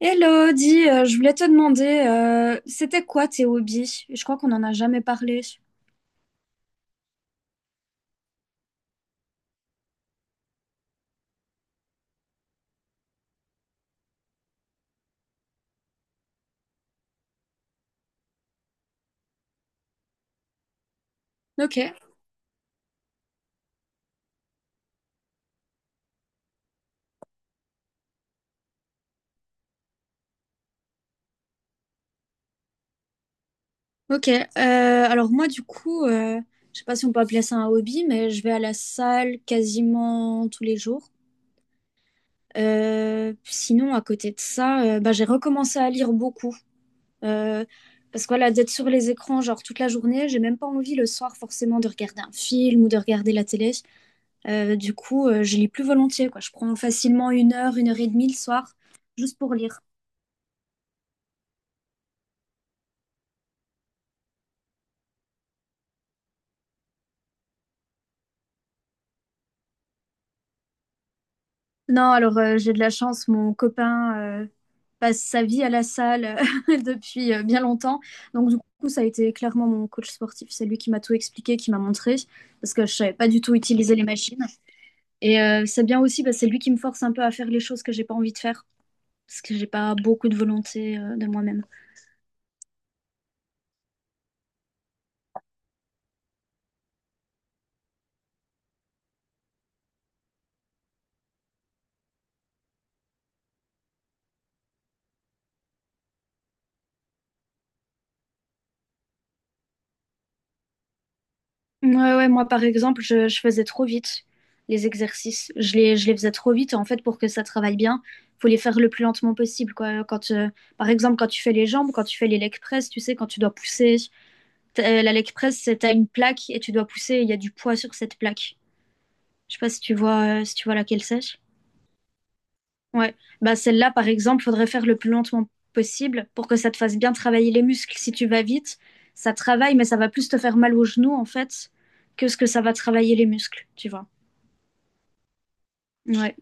Hello, dis, je voulais te demander, c'était quoi tes hobbies? Je crois qu'on n'en a jamais parlé. Ok, ok. Alors moi, du coup, je sais pas si on peut appeler ça un hobby, mais je vais à la salle quasiment tous les jours. Sinon, à côté de ça, bah, j'ai recommencé à lire beaucoup. Euh, parce que voilà, d'être sur les écrans genre toute la journée, j'ai même pas envie le soir forcément de regarder un film ou de regarder la télé. Du coup, je lis plus volontiers, quoi. Je prends facilement une heure et demie le soir, juste pour lire. Non, alors j'ai de la chance, mon copain passe sa vie à la salle depuis bien longtemps. Donc du coup, ça a été clairement mon coach sportif. C'est lui qui m'a tout expliqué, qui m'a montré, parce que je savais pas du tout utiliser les machines. Et c'est bien aussi, bah, c'est lui qui me force un peu à faire les choses que j'ai pas envie de faire, parce que j'ai pas beaucoup de volonté de moi-même. Ouais, ouais, moi par exemple, je faisais trop vite les exercices. Je les faisais trop vite. En fait, pour que ça travaille bien, faut les faire le plus lentement possible, quoi. Par exemple, quand tu fais les jambes, quand tu fais les leg press, tu sais, quand tu dois pousser, la leg press, c'est t'as une plaque et tu dois pousser. Il y a du poids sur cette plaque. Je sais pas si tu vois, si tu vois laquelle c'est. Ouais. Bah celle-là, par exemple, faudrait faire le plus lentement possible pour que ça te fasse bien travailler les muscles. Si tu vas vite, ça travaille, mais ça va plus te faire mal aux genoux, en fait, que ce que ça va travailler les muscles, tu vois. Ouais.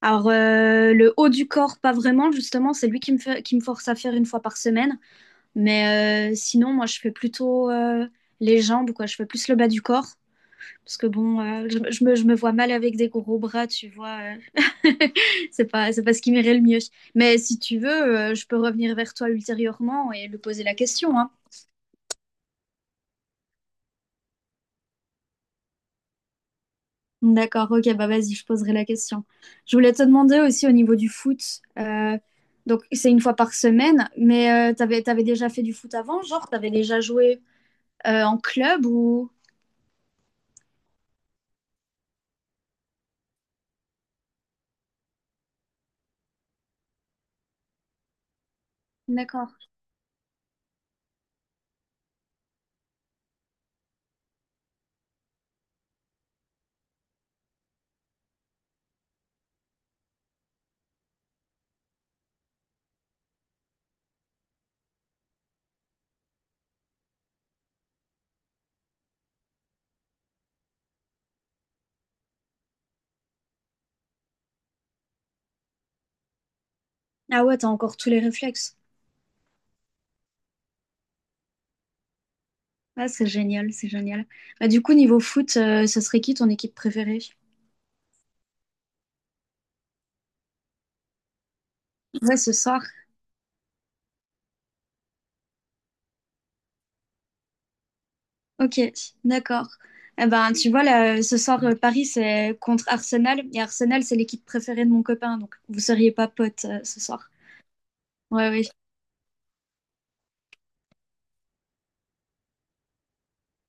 Alors, le haut du corps, pas vraiment, justement, c'est lui qui me fait, qui me force à faire une fois par semaine. Mais sinon, moi, je fais plutôt les jambes, quoi. Je fais plus le bas du corps. Parce que bon, je me vois mal avec des gros bras, tu vois. euh. C'est pas ce qui m'irait le mieux. Mais si tu veux, je peux revenir vers toi ultérieurement et lui poser la question, hein. D'accord, ok, bah vas-y, je poserai la question. Je voulais te demander aussi au niveau du foot, euh, donc c'est une fois par semaine, mais t'avais déjà fait du foot avant, genre t'avais déjà joué en club ou... D'accord. Ah ouais, t'as encore tous les réflexes. Ah, c'est génial, c'est génial. Bah, du coup, niveau foot, ce serait qui ton équipe préférée? Ouais, ce soir. Ok, d'accord. Eh ben, tu vois, là, ce soir, Paris, c'est contre Arsenal, et Arsenal, c'est l'équipe préférée de mon copain, donc vous seriez pas potes ce soir. Ouais, ouais.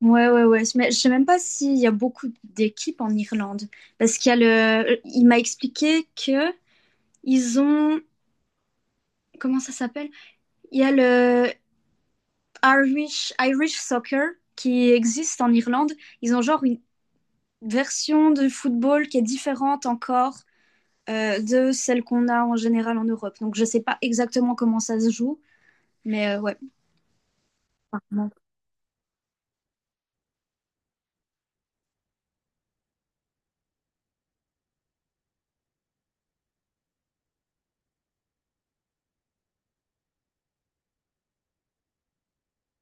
Ouais, ouais, ouais. Mais je sais même pas s'il y a beaucoup d'équipes en Irlande. Parce qu'il y a le. Il m'a expliqué que ils ont. Comment ça s'appelle? Il y a le Irish, Irish Soccer qui existe en Irlande. Ils ont genre une version de football qui est différente encore de celle qu'on a en général en Europe. Donc je sais pas exactement comment ça se joue. Mais ouais, apparemment.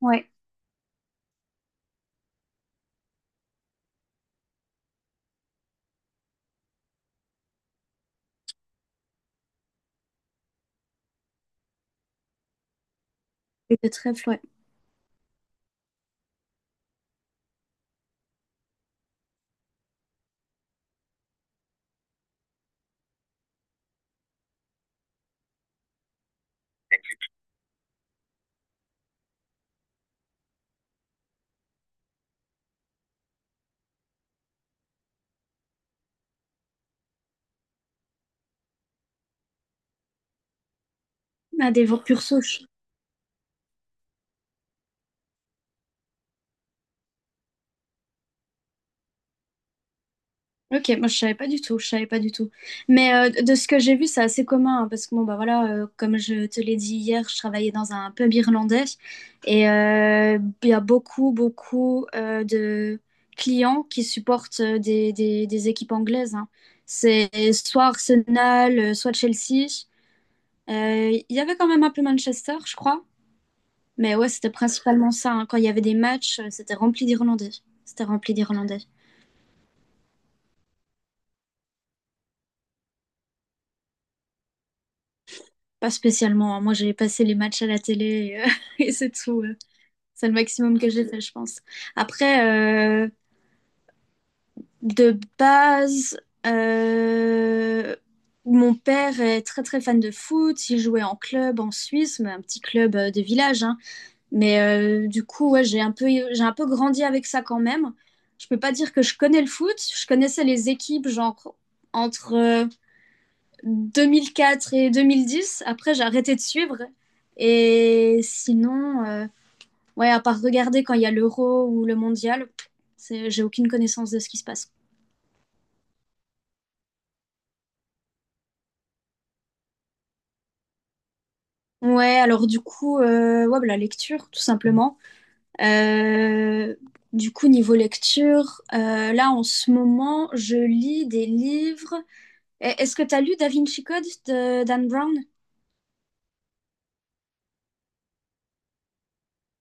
Ouais, c'est très ouais. Ah, des purs. Ok, moi je savais pas du tout, je savais pas du tout. Mais de ce que j'ai vu, c'est assez commun hein, parce que bon bah voilà, comme je te l'ai dit hier, je travaillais dans un pub irlandais et il y a beaucoup beaucoup de clients qui supportent des équipes anglaises. Hein. C'est soit Arsenal, soit Chelsea. Il y avait quand même un peu Manchester, je crois. Mais ouais, c'était principalement ça. Hein. Quand il y avait des matchs, c'était rempli d'Irlandais. C'était rempli d'Irlandais. Pas spécialement. Hein. Moi, j'ai passé les matchs à la télé et, euh, et c'est tout. C'est le maximum que j'ai fait, je pense. Après, euh, de base, euh, mon père est très très fan de foot. Il jouait en club en Suisse, mais un petit club de village. Hein. Mais du coup, ouais, j'ai un peu grandi avec ça quand même. Je peux pas dire que je connais le foot. Je connaissais les équipes, genre entre 2004 et 2010. Après, j'ai arrêté de suivre. Et sinon, ouais, à part regarder quand il y a l'euro ou le mondial, c'est- j'ai aucune connaissance de ce qui se passe. Ouais, alors du coup, ouais, bah, la lecture, tout simplement. Euh, du coup, niveau lecture, là, en ce moment, je lis des livres. Eh, est-ce que tu as lu Da Vinci Code de Dan Brown?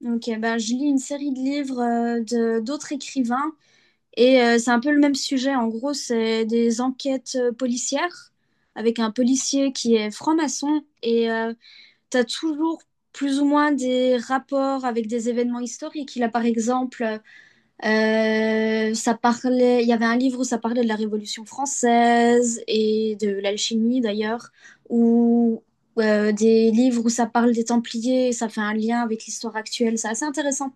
Ok, bah, je lis une série de livres de d'autres écrivains. Et c'est un peu le même sujet. En gros, c'est des enquêtes policières avec un policier qui est franc-maçon. Et tu as toujours plus ou moins des rapports avec des événements historiques. Il a par exemple, il y avait un livre où ça parlait de la Révolution française et de l'alchimie d'ailleurs, ou des livres où ça parle des Templiers, ça fait un lien avec l'histoire actuelle, c'est assez intéressant.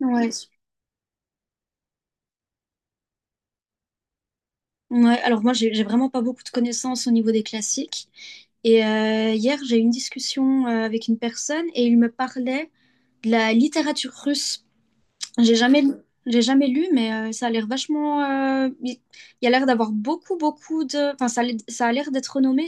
Ouais. Ouais, alors moi, j'ai vraiment pas beaucoup de connaissances au niveau des classiques. Et hier, j'ai eu une discussion avec une personne et il me parlait de la littérature russe. J'ai jamais, j'ai jamais lu, mais ça a l'air vachement. Il y a l'air d'avoir beaucoup, beaucoup de. Enfin, ça a l'air d'être renommé.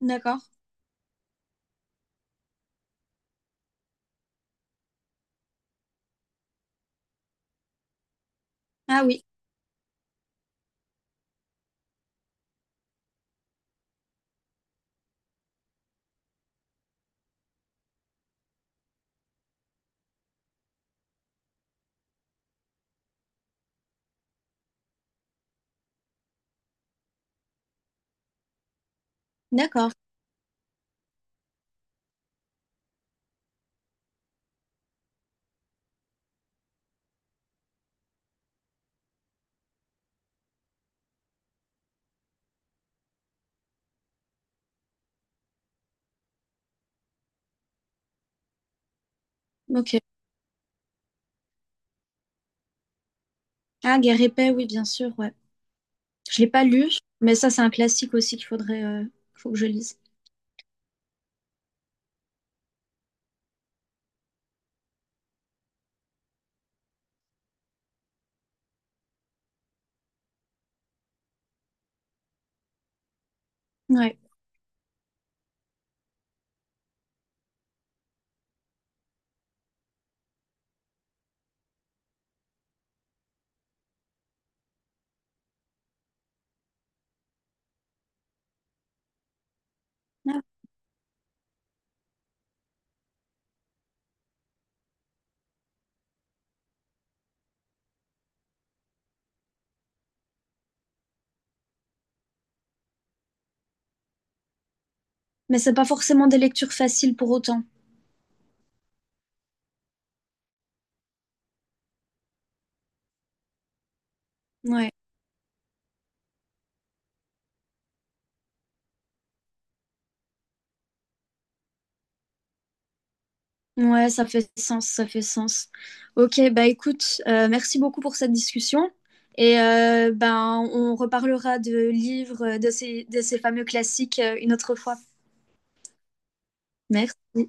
D'accord. Ah oui, d'accord. Ok. Ah, Guerre et Paix, oui, bien sûr, ouais. Je l'ai pas lu, mais ça, c'est un classique aussi qu'il faudrait, faut que je lise. Ouais. Ah. Mais c'est pas forcément des lectures faciles pour autant. Ouais. Ouais, ça fait sens, ça fait sens. Ok, bah écoute, merci beaucoup pour cette discussion. Et ben, on reparlera de livres, de ces fameux classiques, une autre fois. Merci.